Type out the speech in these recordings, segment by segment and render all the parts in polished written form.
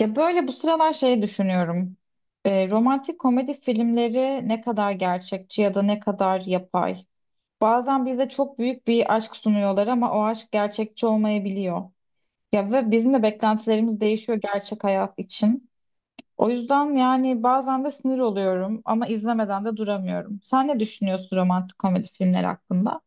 Ya böyle bu sıralar şeyi düşünüyorum. Romantik komedi filmleri ne kadar gerçekçi ya da ne kadar yapay? Bazen bize çok büyük bir aşk sunuyorlar ama o aşk gerçekçi olmayabiliyor. Ya ve bizim de beklentilerimiz değişiyor gerçek hayat için. O yüzden yani bazen de sinir oluyorum ama izlemeden de duramıyorum. Sen ne düşünüyorsun romantik komedi filmleri hakkında?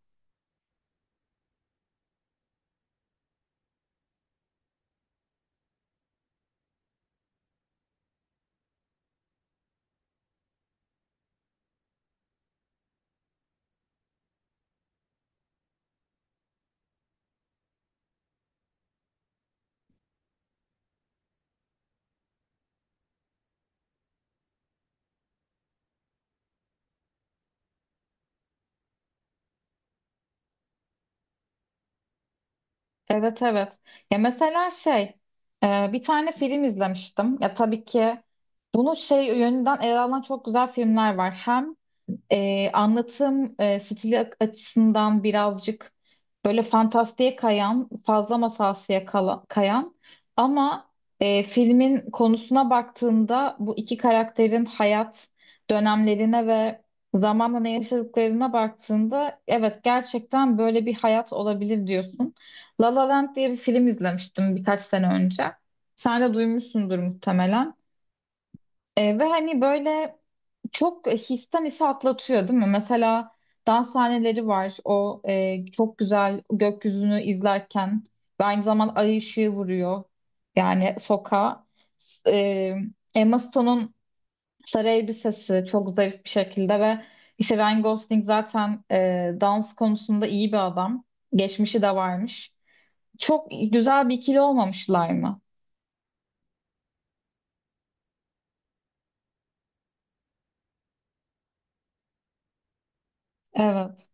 Evet, evet. Ya mesela şey bir tane film izlemiştim. Ya tabii ki bunu şey yönünden ele alan çok güzel filmler var. Hem anlatım stili açısından birazcık böyle fantastiğe kayan, fazla masalsıya kayan ama filmin konusuna baktığında bu iki karakterin hayat dönemlerine ve zamanla ne yaşadıklarına baktığında evet, gerçekten böyle bir hayat olabilir diyorsun. La La Land diye bir film izlemiştim birkaç sene önce. Sen de duymuşsundur muhtemelen. Ve hani böyle çok histen ise atlatıyor değil mi? Mesela dans sahneleri var. O çok güzel gökyüzünü izlerken ve aynı zaman ay ışığı vuruyor. Yani sokağa. S- E, Emma Stone'un sarı elbisesi çok zarif bir şekilde ve işte Ryan Gosling zaten dans konusunda iyi bir adam. Geçmişi de varmış. Çok güzel bir ikili olmamışlar mı? Evet.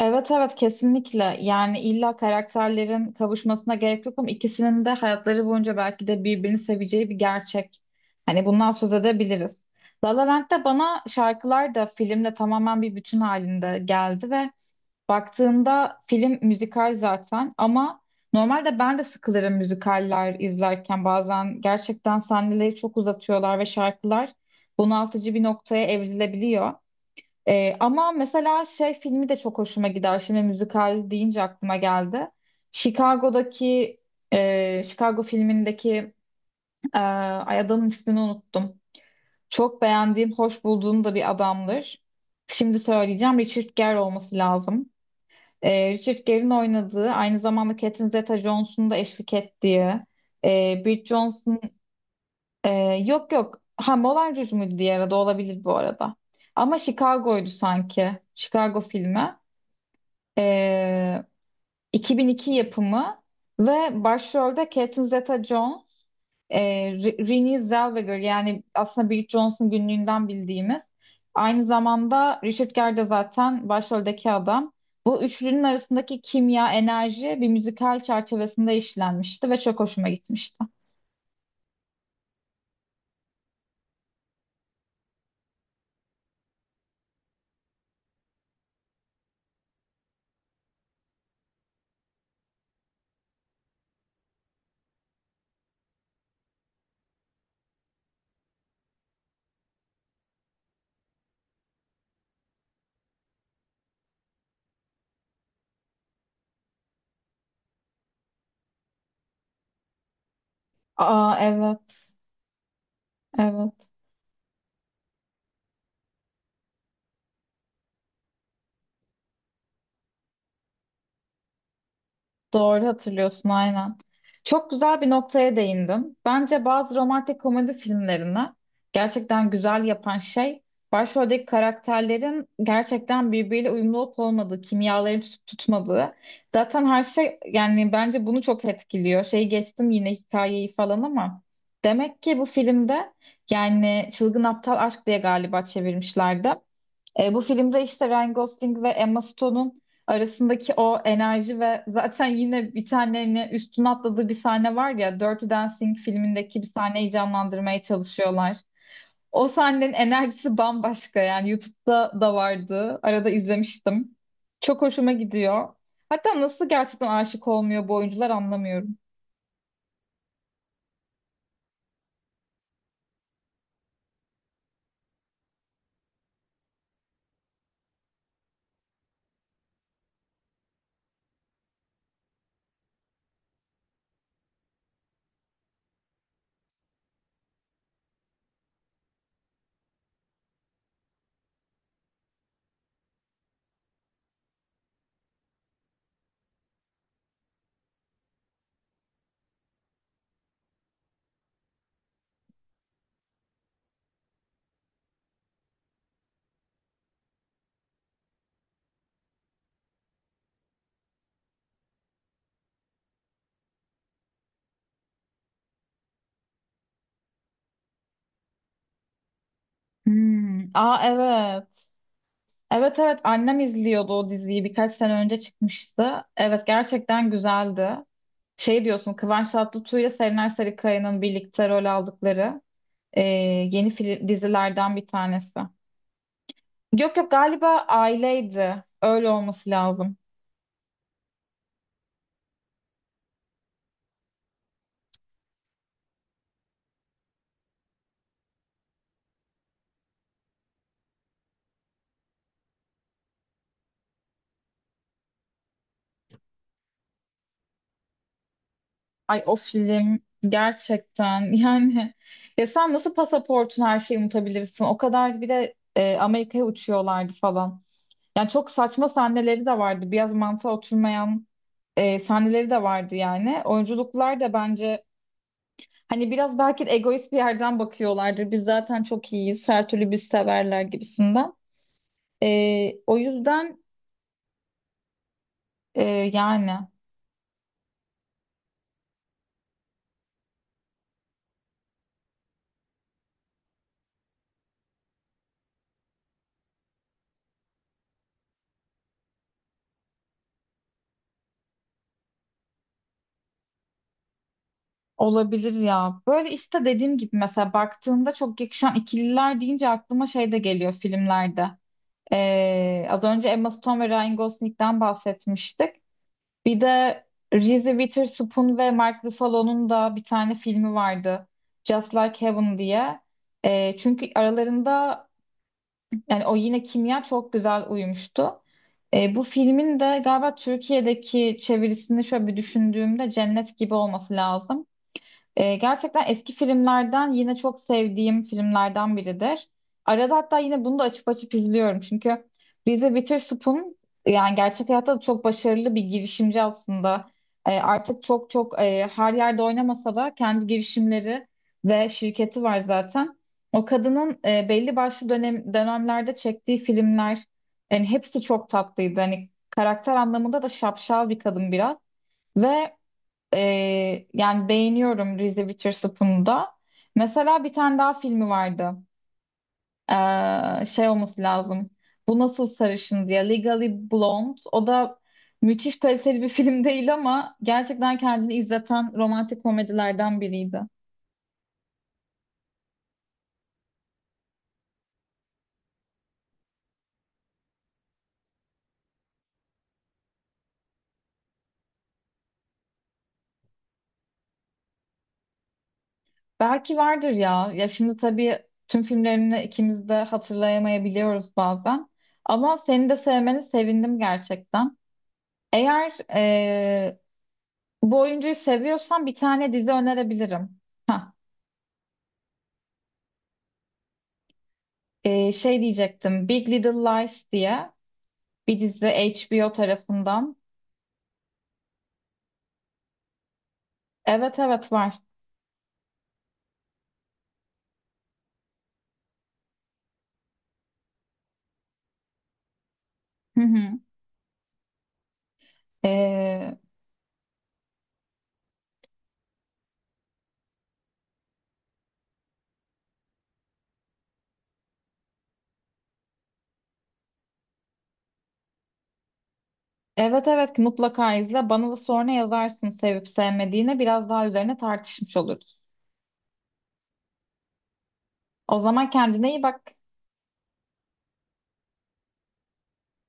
Evet, evet, kesinlikle, yani illa karakterlerin kavuşmasına gerek yok ama ikisinin de hayatları boyunca belki de birbirini seveceği bir gerçek. Hani bundan söz edebiliriz. La La Land'de bana şarkılar da filmle tamamen bir bütün halinde geldi ve baktığında film müzikal zaten ama normalde ben de sıkılırım müzikaller izlerken, bazen gerçekten sahneleri çok uzatıyorlar ve şarkılar bunaltıcı bir noktaya evrilebiliyor. Ama mesela şey filmi de çok hoşuma gider. Şimdi müzikal deyince aklıma geldi. Chicago'daki Chicago filmindeki ay, adamın ismini unuttum. Çok beğendiğim, hoş bulduğum da bir adamdır. Şimdi söyleyeceğim. Richard Gere olması lazım. Richard Gere'in oynadığı, aynı zamanda Catherine Zeta-Jones'un da eşlik ettiği, Bridget Jones'un e, yok, yok. Ha, Moulin Rouge muydu diğer adı, olabilir bu arada. Ama Chicago'ydu sanki. Chicago filmi. Ee, 2002 yapımı ve başrolde Catherine Zeta-Jones, e, Renée Zellweger, yani aslında Bridget Jones'un günlüğünden bildiğimiz. Aynı zamanda Richard Gere de zaten başroldeki adam. Bu üçlünün arasındaki kimya, enerji bir müzikal çerçevesinde işlenmişti ve çok hoşuma gitmişti. Aa, evet, evet, doğru hatırlıyorsun aynen. Çok güzel bir noktaya değindim. Bence bazı romantik komedi filmlerini gerçekten güzel yapan şey başroldeki karakterlerin gerçekten birbiriyle uyumlu olup olmadığı, kimyaların tutup tutmadığı. Zaten her şey yani bence bunu çok etkiliyor. Şeyi geçtim yine hikayeyi falan ama demek ki bu filmde yani Çılgın Aptal Aşk diye galiba çevirmişlerdi. Bu filmde işte Ryan Gosling ve Emma Stone'un arasındaki o enerji ve zaten yine bir tane hani üstüne atladığı bir sahne var ya, Dirty Dancing filmindeki bir sahneyi canlandırmaya çalışıyorlar. O sahnenin enerjisi bambaşka yani. YouTube'da da vardı. Arada izlemiştim. Çok hoşuma gidiyor. Hatta nasıl gerçekten aşık olmuyor bu oyuncular, anlamıyorum. Hmm. Aa, evet. Evet, evet, annem izliyordu o diziyi, birkaç sene önce çıkmıştı. Evet, gerçekten güzeldi. Şey diyorsun, Kıvanç Tatlıtuğ'ya Serenay Sarıkaya'nın birlikte rol aldıkları e, yeni film, dizilerden bir tanesi. Yok, yok, galiba aileydi. Öyle olması lazım. Ay, o film gerçekten yani ya sen nasıl pasaportun her şeyi unutabilirsin? O kadar bir de Amerika'ya uçuyorlardı falan. Yani çok saçma sahneleri de vardı. Biraz mantığa oturmayan sahneleri de vardı yani. Oyunculuklar da bence, hani biraz belki de egoist bir yerden bakıyorlardır. Biz zaten çok iyiyiz. Her türlü biz severler gibisinden. O yüzden e, yani olabilir ya. Böyle işte dediğim gibi mesela baktığında çok yakışan ikililer deyince aklıma şey de geliyor filmlerde. Az önce Emma Stone ve Ryan Gosling'den bahsetmiştik. Bir de Reese Witherspoon ve Mark Ruffalo'nun da bir tane filmi vardı. Just Like Heaven diye. Çünkü aralarında, yani o yine kimya çok güzel uyumuştu. Bu filmin de galiba Türkiye'deki çevirisini şöyle bir düşündüğümde Cennet Gibi olması lazım. Gerçekten eski filmlerden, yine çok sevdiğim filmlerden biridir. Arada hatta yine bunu da açıp açıp izliyorum. Çünkü Reese Witherspoon yani gerçek hayatta da çok başarılı bir girişimci aslında. Artık çok çok her yerde oynamasa da kendi girişimleri ve şirketi var zaten. O kadının belli başlı dönemlerde çektiği filmler yani hepsi çok tatlıydı. Hani karakter anlamında da şapşal bir kadın biraz. Ve yani beğeniyorum Reese Witherspoon'u da. Mesela bir tane daha filmi vardı. Şey olması lazım. Bu Nasıl Sarışın diye, Legally Blonde. O da müthiş kaliteli bir film değil ama gerçekten kendini izleten romantik komedilerden biriydi. Belki vardır ya. Ya şimdi tabii tüm filmlerini ikimiz de hatırlayamayabiliyoruz bazen. Ama seni de sevmeni sevindim gerçekten. Eğer bu oyuncuyu seviyorsan bir tane dizi önerebilirim. Hah, şey diyecektim. Big Little Lies diye bir dizi, HBO tarafından. Evet, evet, var. Hı hı. Ee, evet, evet, mutlaka izle. Bana da sonra yazarsın sevip sevmediğine. Biraz daha üzerine tartışmış oluruz. O zaman kendine iyi bak.